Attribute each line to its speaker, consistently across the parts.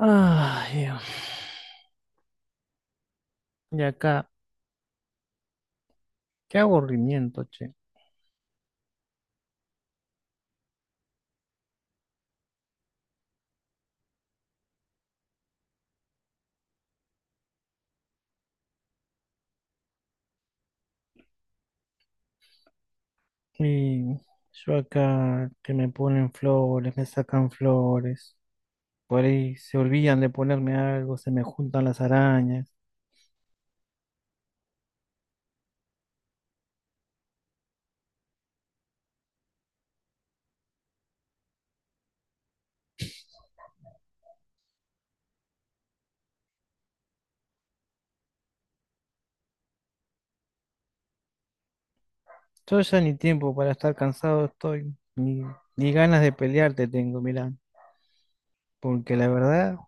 Speaker 1: Ay, y acá, qué aburrimiento, che. Y yo acá que me ponen flores, me sacan flores, por ahí se olvidan de ponerme algo, se me juntan las arañas. Yo ya ni tiempo para estar cansado estoy, ni ganas de pelearte tengo, mirá, porque la verdad,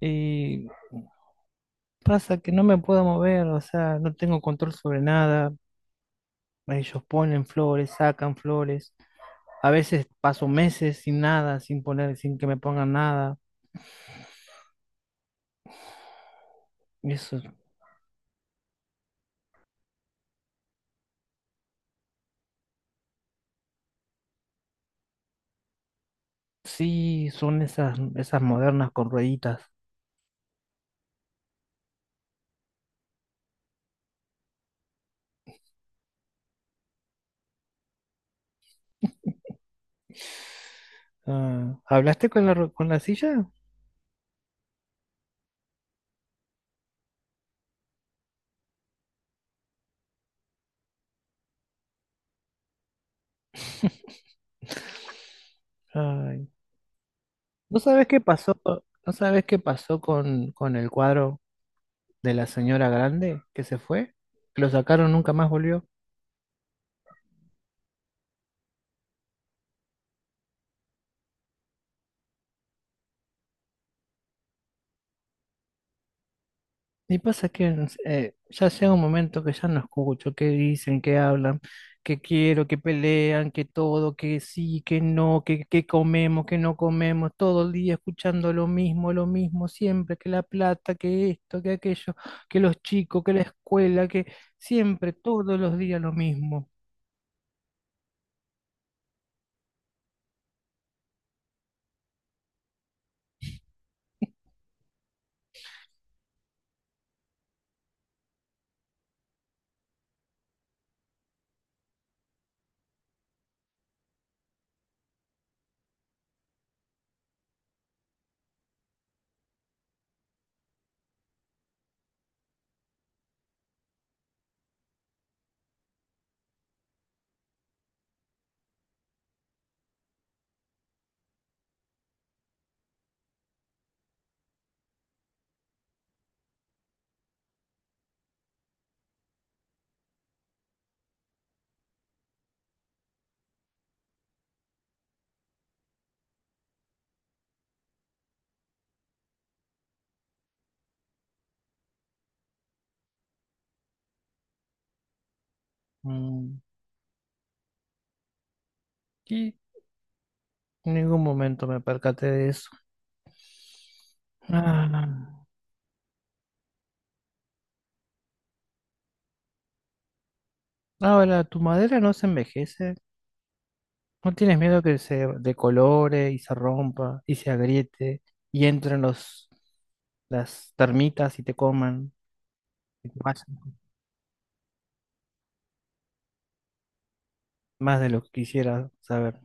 Speaker 1: y pasa que no me puedo mover, o sea, no tengo control sobre nada. Ellos ponen flores, sacan flores. A veces paso meses sin nada, sin poner, sin que me pongan nada. Eso, sí, son esas modernas con rueditas. Ah, ¿hablaste con con la silla? Ay, ¿no sabes qué pasó? ¿No sabes qué pasó con el cuadro de la señora grande que se fue? Lo sacaron, nunca más volvió. Y pasa que no sé, ya llega un momento que ya no escucho qué dicen, qué hablan, qué quiero, qué pelean, qué todo, qué sí, qué no, qué comemos, qué no comemos, todo el día escuchando lo mismo, siempre, que la plata, que esto, que aquello, que los chicos, que la escuela, que siempre, todos los días lo mismo. Mm. Y en ningún momento me percaté de eso. Ah, ahora, tu madera no se envejece. ¿No tienes miedo que se decolore y se rompa y se agriete y entren las termitas y te coman y te vayan? ¿Más de lo que quisiera saber?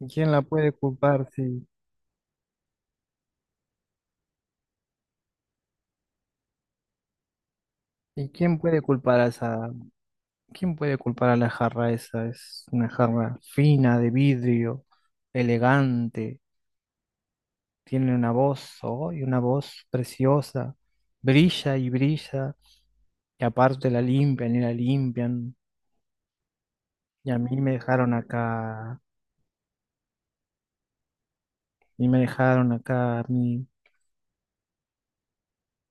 Speaker 1: ¿Y quién la puede culpar? Sí. ¿Y quién puede culpar a esa? ¿Quién puede culpar a la jarra esa? Es una jarra fina, de vidrio, elegante, tiene una voz, oh, y una voz preciosa, brilla y brilla, y aparte la limpian. Y a mí me dejaron acá y me dejaron acá a mí,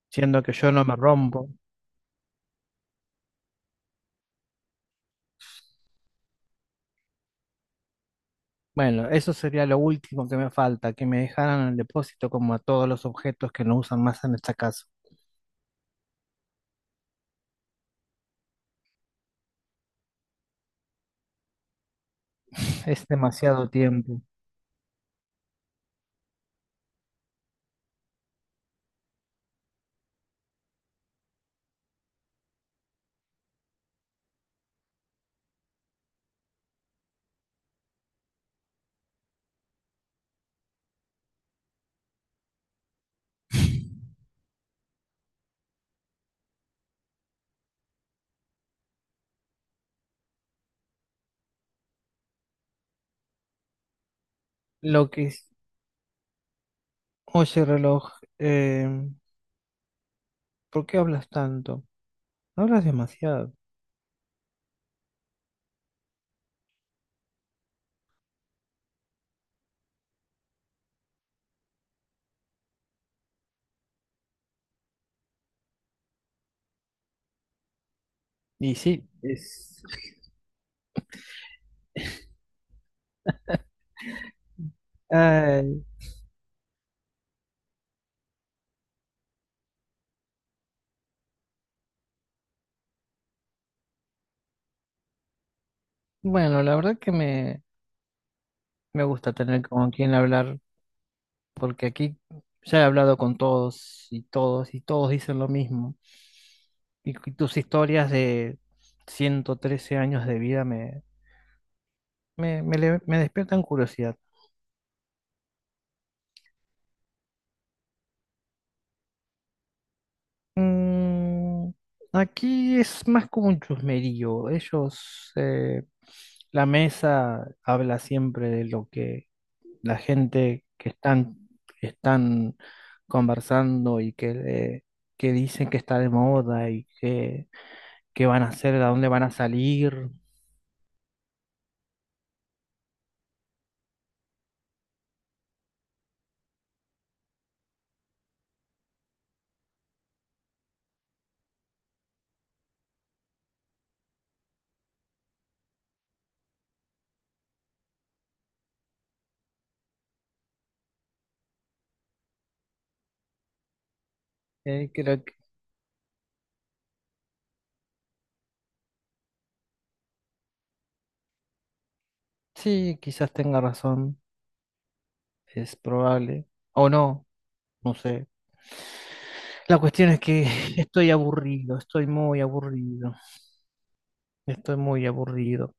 Speaker 1: siendo que yo no me rompo. Bueno, eso sería lo último que me falta, que me dejaran en el depósito como a todos los objetos que no usan más en esta casa. Es demasiado tiempo. Lo que es... Oye, reloj, eh, ¿por qué hablas tanto? Hablas demasiado. Y sí, es... Ay, bueno, la verdad que me gusta tener con quien hablar porque aquí ya he hablado con todos y todos y todos dicen lo mismo. Y, cu- tus historias de 113 años de vida me despiertan curiosidad. Mm, aquí es más como un chusmerío. Ellos, la mesa habla siempre de lo que la gente que están conversando y que dicen que está de moda y que qué van a hacer, a dónde van a salir. Creo que sí, quizás tenga razón, es probable. O no, no sé. La cuestión es que estoy aburrido, estoy muy aburrido, estoy muy aburrido.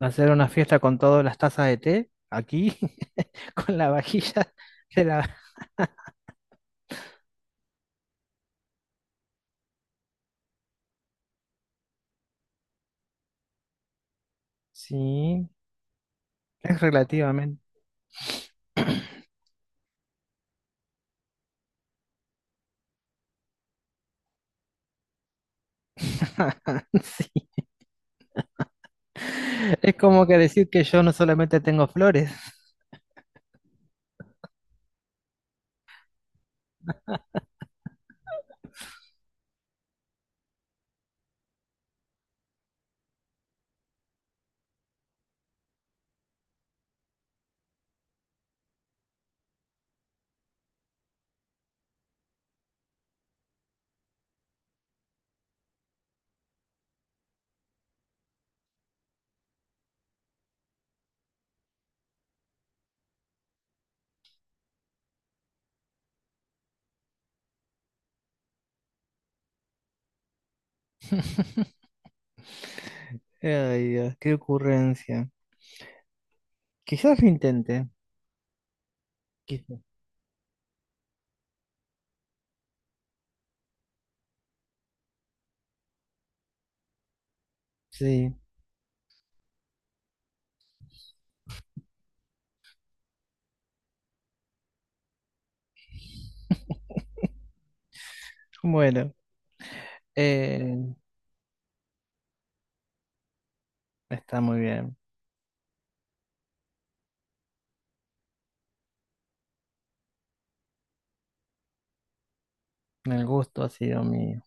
Speaker 1: Hacer una fiesta con todas las tazas de té, aquí, con la vajilla de la... Sí, es relativamente... Sí, es como que decir que yo no solamente tengo flores. Ay, Dios, qué ocurrencia. Quizás lo intente. Quizás. Sí. Bueno, eh, está muy bien. El gusto ha sido mío.